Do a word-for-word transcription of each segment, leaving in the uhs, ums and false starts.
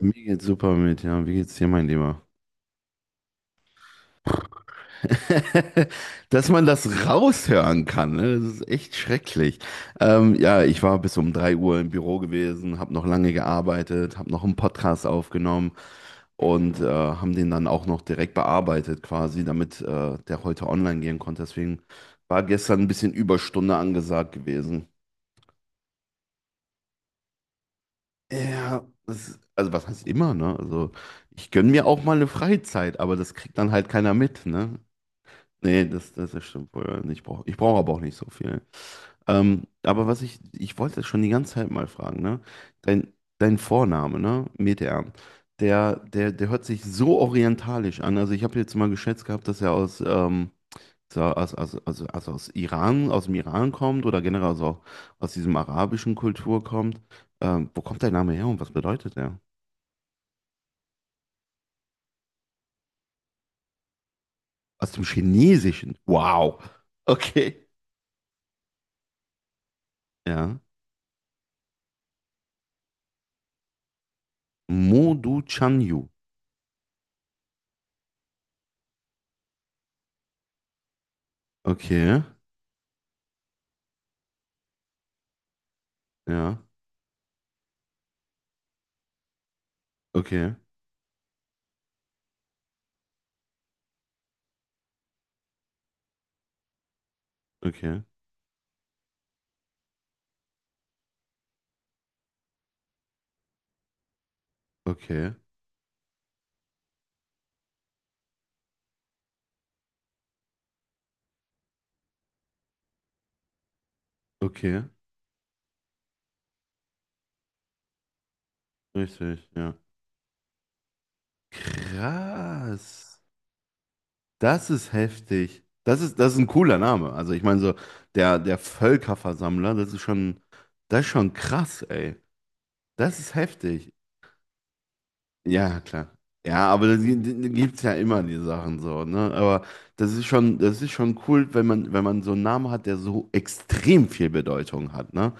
Mir geht's super mit, ja. Wie geht's dir, mein Lieber? Dass man das raushören kann, ne? Das ist echt schrecklich. Ähm, ja, ich war bis um drei Uhr im Büro gewesen, habe noch lange gearbeitet, habe noch einen Podcast aufgenommen und äh, haben den dann auch noch direkt bearbeitet quasi, damit äh, der heute online gehen konnte. Deswegen war gestern ein bisschen Überstunde angesagt gewesen. Ja, das, also was heißt immer, ne? Also ich gönne mir auch mal eine Freizeit, aber das kriegt dann halt keiner mit, ne? Nee, das, das das stimmt wohl. Und Ich brauche ich brauch aber auch nicht so viel. Ähm, aber was ich, ich wollte schon die ganze Zeit mal fragen, ne? Dein, dein Vorname, ne? Metean, der, der, der hört sich so orientalisch an. Also ich habe jetzt mal geschätzt gehabt, dass er aus, ähm, so aus, aus, aus, aus, aus Iran, aus dem Iran kommt oder generell also auch aus diesem arabischen Kultur kommt. Ähm, wo kommt dein Name her und was bedeutet er? Aus dem Chinesischen. Wow. Okay. Ja. Modu Chanyu. Okay. Ja, okay, okay, okay, okay, richtig, ja. Krass. Das ist heftig. Das ist, das ist ein cooler Name. Also ich meine so, der, der Völkerversammler, das ist schon, das ist schon krass, ey. Das ist heftig. Ja, klar. Ja, aber da gibt es ja immer die Sachen so, ne? Aber das ist schon, das ist schon cool, wenn man, wenn man so einen Namen hat, der so extrem viel Bedeutung hat, ne?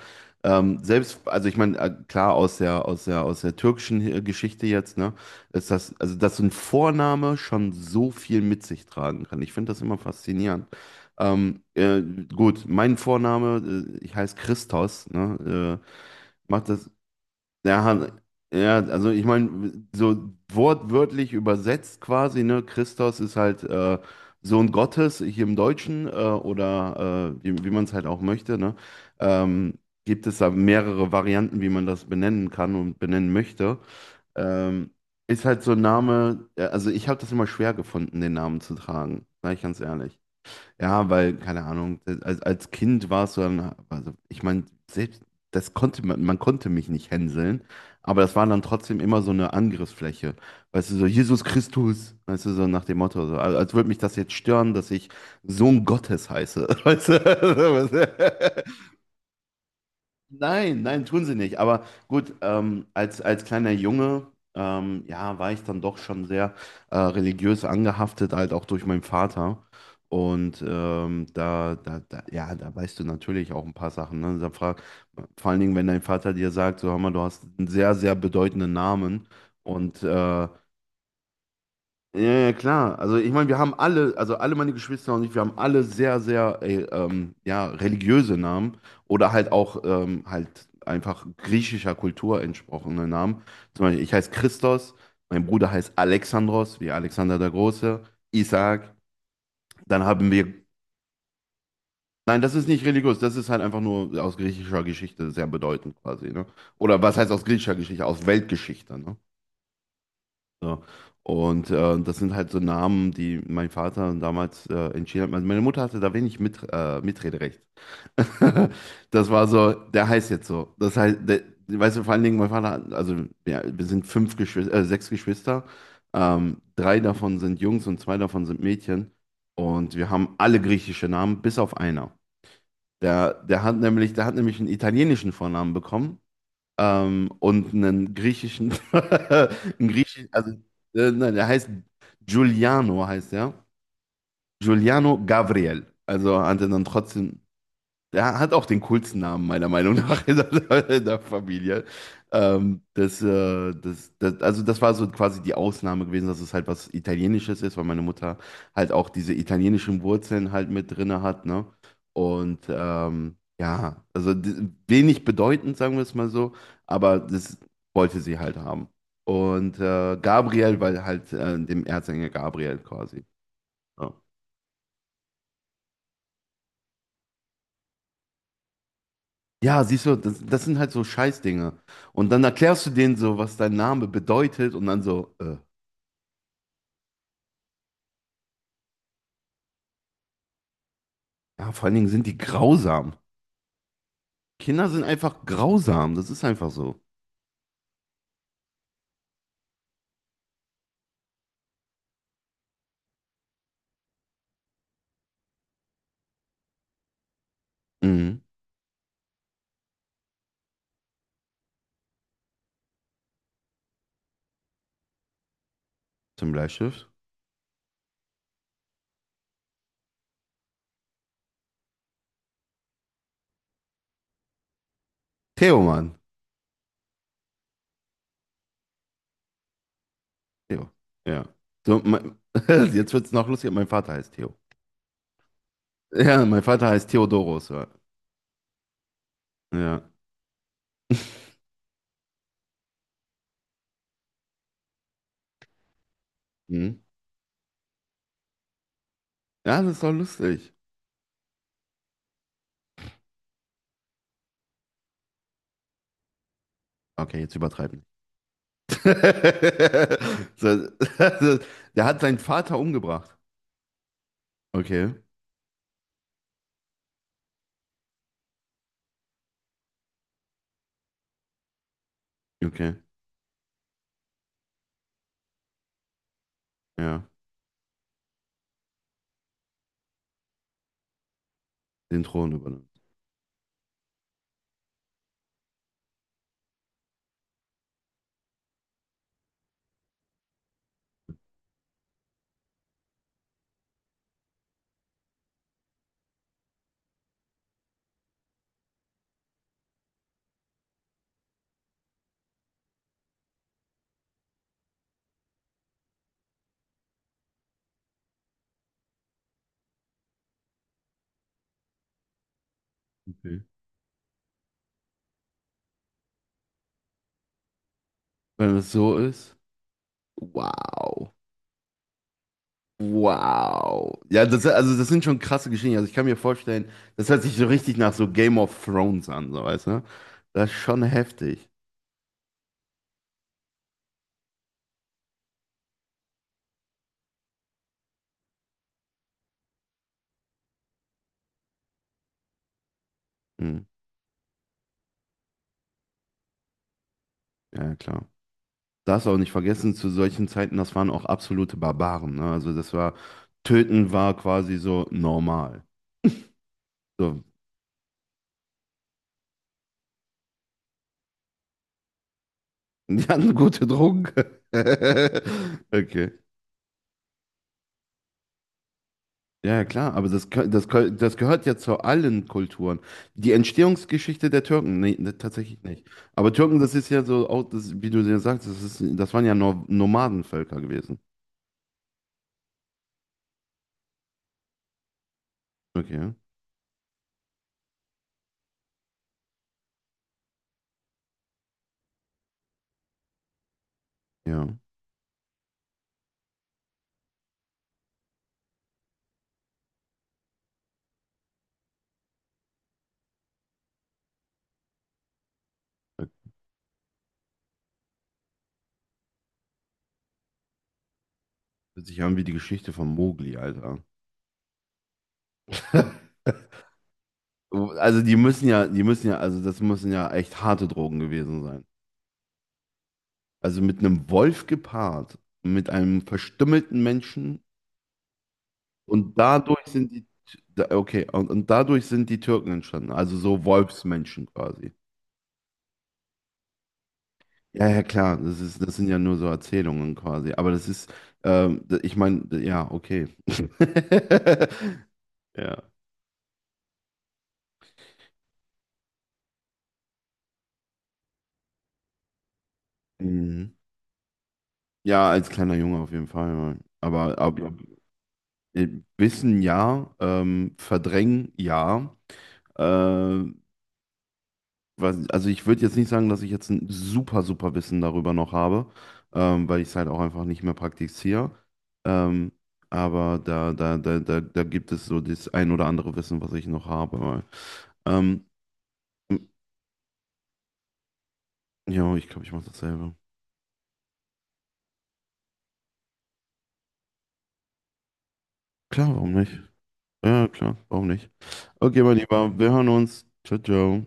Ähm, selbst, also ich meine, äh, klar, aus der, aus der, aus der türkischen äh, Geschichte jetzt, ne, ist das, also dass so ein Vorname schon so viel mit sich tragen kann. Ich finde das immer faszinierend. Ähm, äh, gut, mein Vorname, äh, ich heiße Christos, ne, äh, macht das, ja, Han- ja, also ich meine, so wortwörtlich übersetzt quasi, ne? Christos ist halt äh, Sohn Gottes, hier im Deutschen, äh, oder äh, wie, wie man es halt auch möchte, ne? Ähm, gibt es da mehrere Varianten, wie man das benennen kann und benennen möchte. Ähm, ist halt so ein Name, ja, also ich habe das immer schwer gefunden, den Namen zu tragen, sag ich ganz ehrlich. Ja, weil, keine Ahnung, als, als Kind warst du dann, also ich meine, selbst das konnte man, man konnte mich nicht hänseln, aber das war dann trotzdem immer so eine Angriffsfläche. Weißt du, so Jesus Christus, weißt du, so nach dem Motto, so, als, als würde mich das jetzt stören, dass ich Sohn Gottes heiße. Weißt du? Nein, nein, tun sie nicht. Aber gut, ähm, als, als kleiner Junge, ähm, ja, war ich dann doch schon sehr äh, religiös angehaftet, halt auch durch meinen Vater. Und ähm, da, da, da, ja, da weißt du natürlich auch ein paar Sachen. Ne? Da frag, vor allen Dingen, wenn dein Vater dir sagt, so, hör mal, du hast einen sehr, sehr bedeutenden Namen. Und äh, ja, ja, klar. Also ich meine, wir haben alle, also alle meine Geschwister und ich, wir haben alle sehr, sehr äh, ähm, ja, religiöse Namen oder halt auch ähm, halt einfach griechischer Kultur entsprochene Namen. Zum Beispiel, ich heiße Christos, mein Bruder heißt Alexandros, wie Alexander der Große, Isaak. Dann haben wir, nein, das ist nicht religiös, das ist halt einfach nur aus griechischer Geschichte sehr bedeutend quasi, ne? Oder was heißt aus griechischer Geschichte? Aus Weltgeschichte, ne? So. Und äh, das sind halt so Namen, die mein Vater damals äh, entschieden hat. Meine meine Mutter hatte da wenig mit, äh, Mitrederecht. Das war so, der heißt jetzt so. Das heißt, der, weißt du, vor allen Dingen mein Vater, hat- also ja, wir sind fünf Geschwister, äh, sechs Geschwister. Ähm, drei davon sind Jungs und zwei davon sind Mädchen. Und wir haben alle griechische Namen, bis auf einer. Der, der hat nämlich, der hat nämlich einen italienischen Vornamen bekommen ähm, und einen griechischen, einen griechischen, also äh, nein, der heißt Giuliano heißt er. Giuliano Gabriel. Also hat er dann trotzdem der hat auch den coolsten Namen, meiner Meinung nach, in der, in der Familie. Ähm, das, äh, das, das, also das war so quasi die Ausnahme gewesen, dass es halt was Italienisches ist, weil meine Mutter halt auch diese italienischen Wurzeln halt mit drinne hat, ne? Und ähm, ja, also d- wenig bedeutend, sagen wir es mal so, aber das wollte sie halt haben. Und äh, Gabriel, weil halt äh, dem Erzengel Gabriel quasi. Ja. Ja, siehst du, das, das sind halt so Scheißdinge. Und dann erklärst du denen so, was dein Name bedeutet und dann so, äh, ja, vor allen Dingen sind die grausam. Kinder sind einfach grausam, das ist einfach so. Mhm, zum Bleistift. Theo, Mann. Theo, ja. So, mein, jetzt wird's noch lustiger, mein Vater heißt Theo. Ja, mein Vater heißt Theodorus. Ja. Ja, mhm. Ja, das ist doch lustig. Okay, jetzt übertreiben. So, der hat seinen Vater umgebracht. Okay, okay, ja. Den Thron übernimmt. Okay. Wenn es so ist, wow. Wow. Ja, das, also das sind schon krasse Geschichten. Also ich kann mir vorstellen, das hört sich so richtig nach so Game of Thrones an, so weißt du? Das ist schon heftig. Hm. Ja, klar. Darfst auch nicht vergessen, zu solchen Zeiten, das waren auch absolute Barbaren, ne? Also das war, Töten war quasi so normal. So, die hatten gute Drogen. Okay. Ja, ja, klar, aber das, gehö- das, gehö- das gehört ja zu allen Kulturen. Die Entstehungsgeschichte der Türken, nee, ne, tatsächlich nicht. Aber Türken, das ist ja so, auch das, wie du ja sagst, das ist, das waren ja Nor- Nomadenvölker gewesen. Okay, ja. Das hört sich ja an wie die Geschichte von Mowgli, Alter. Also die müssen ja, die müssen ja, also das müssen ja echt harte Drogen gewesen sein. Also mit einem Wolf gepaart, mit einem verstümmelten Menschen. Und dadurch sind die, da- okay, und, und dadurch sind die Türken entstanden, also so Wolfsmenschen quasi. Ja, ja, klar, das ist, das sind ja nur so Erzählungen quasi, aber das ist, ähm, d- ich meine, ja, okay. Ja. Mhm. Ja, als kleiner Junge auf jeden Fall. Ja. Aber, aber äh, Wissen ja, ähm, verdrängen ja. äh, weiß- also ich würde jetzt nicht sagen, dass ich jetzt ein super, super Wissen darüber noch habe, ähm, weil ich es halt auch einfach nicht mehr praktiziere. Ähm, aber da, da, da, da, da gibt es so das ein oder andere Wissen, was ich noch habe. Weil, ähm, ja, ich glaube, ich mache dasselbe. Klar, warum nicht? Ja, klar, warum nicht? Okay, mein Lieber, wir hören uns. Ciao, ciao.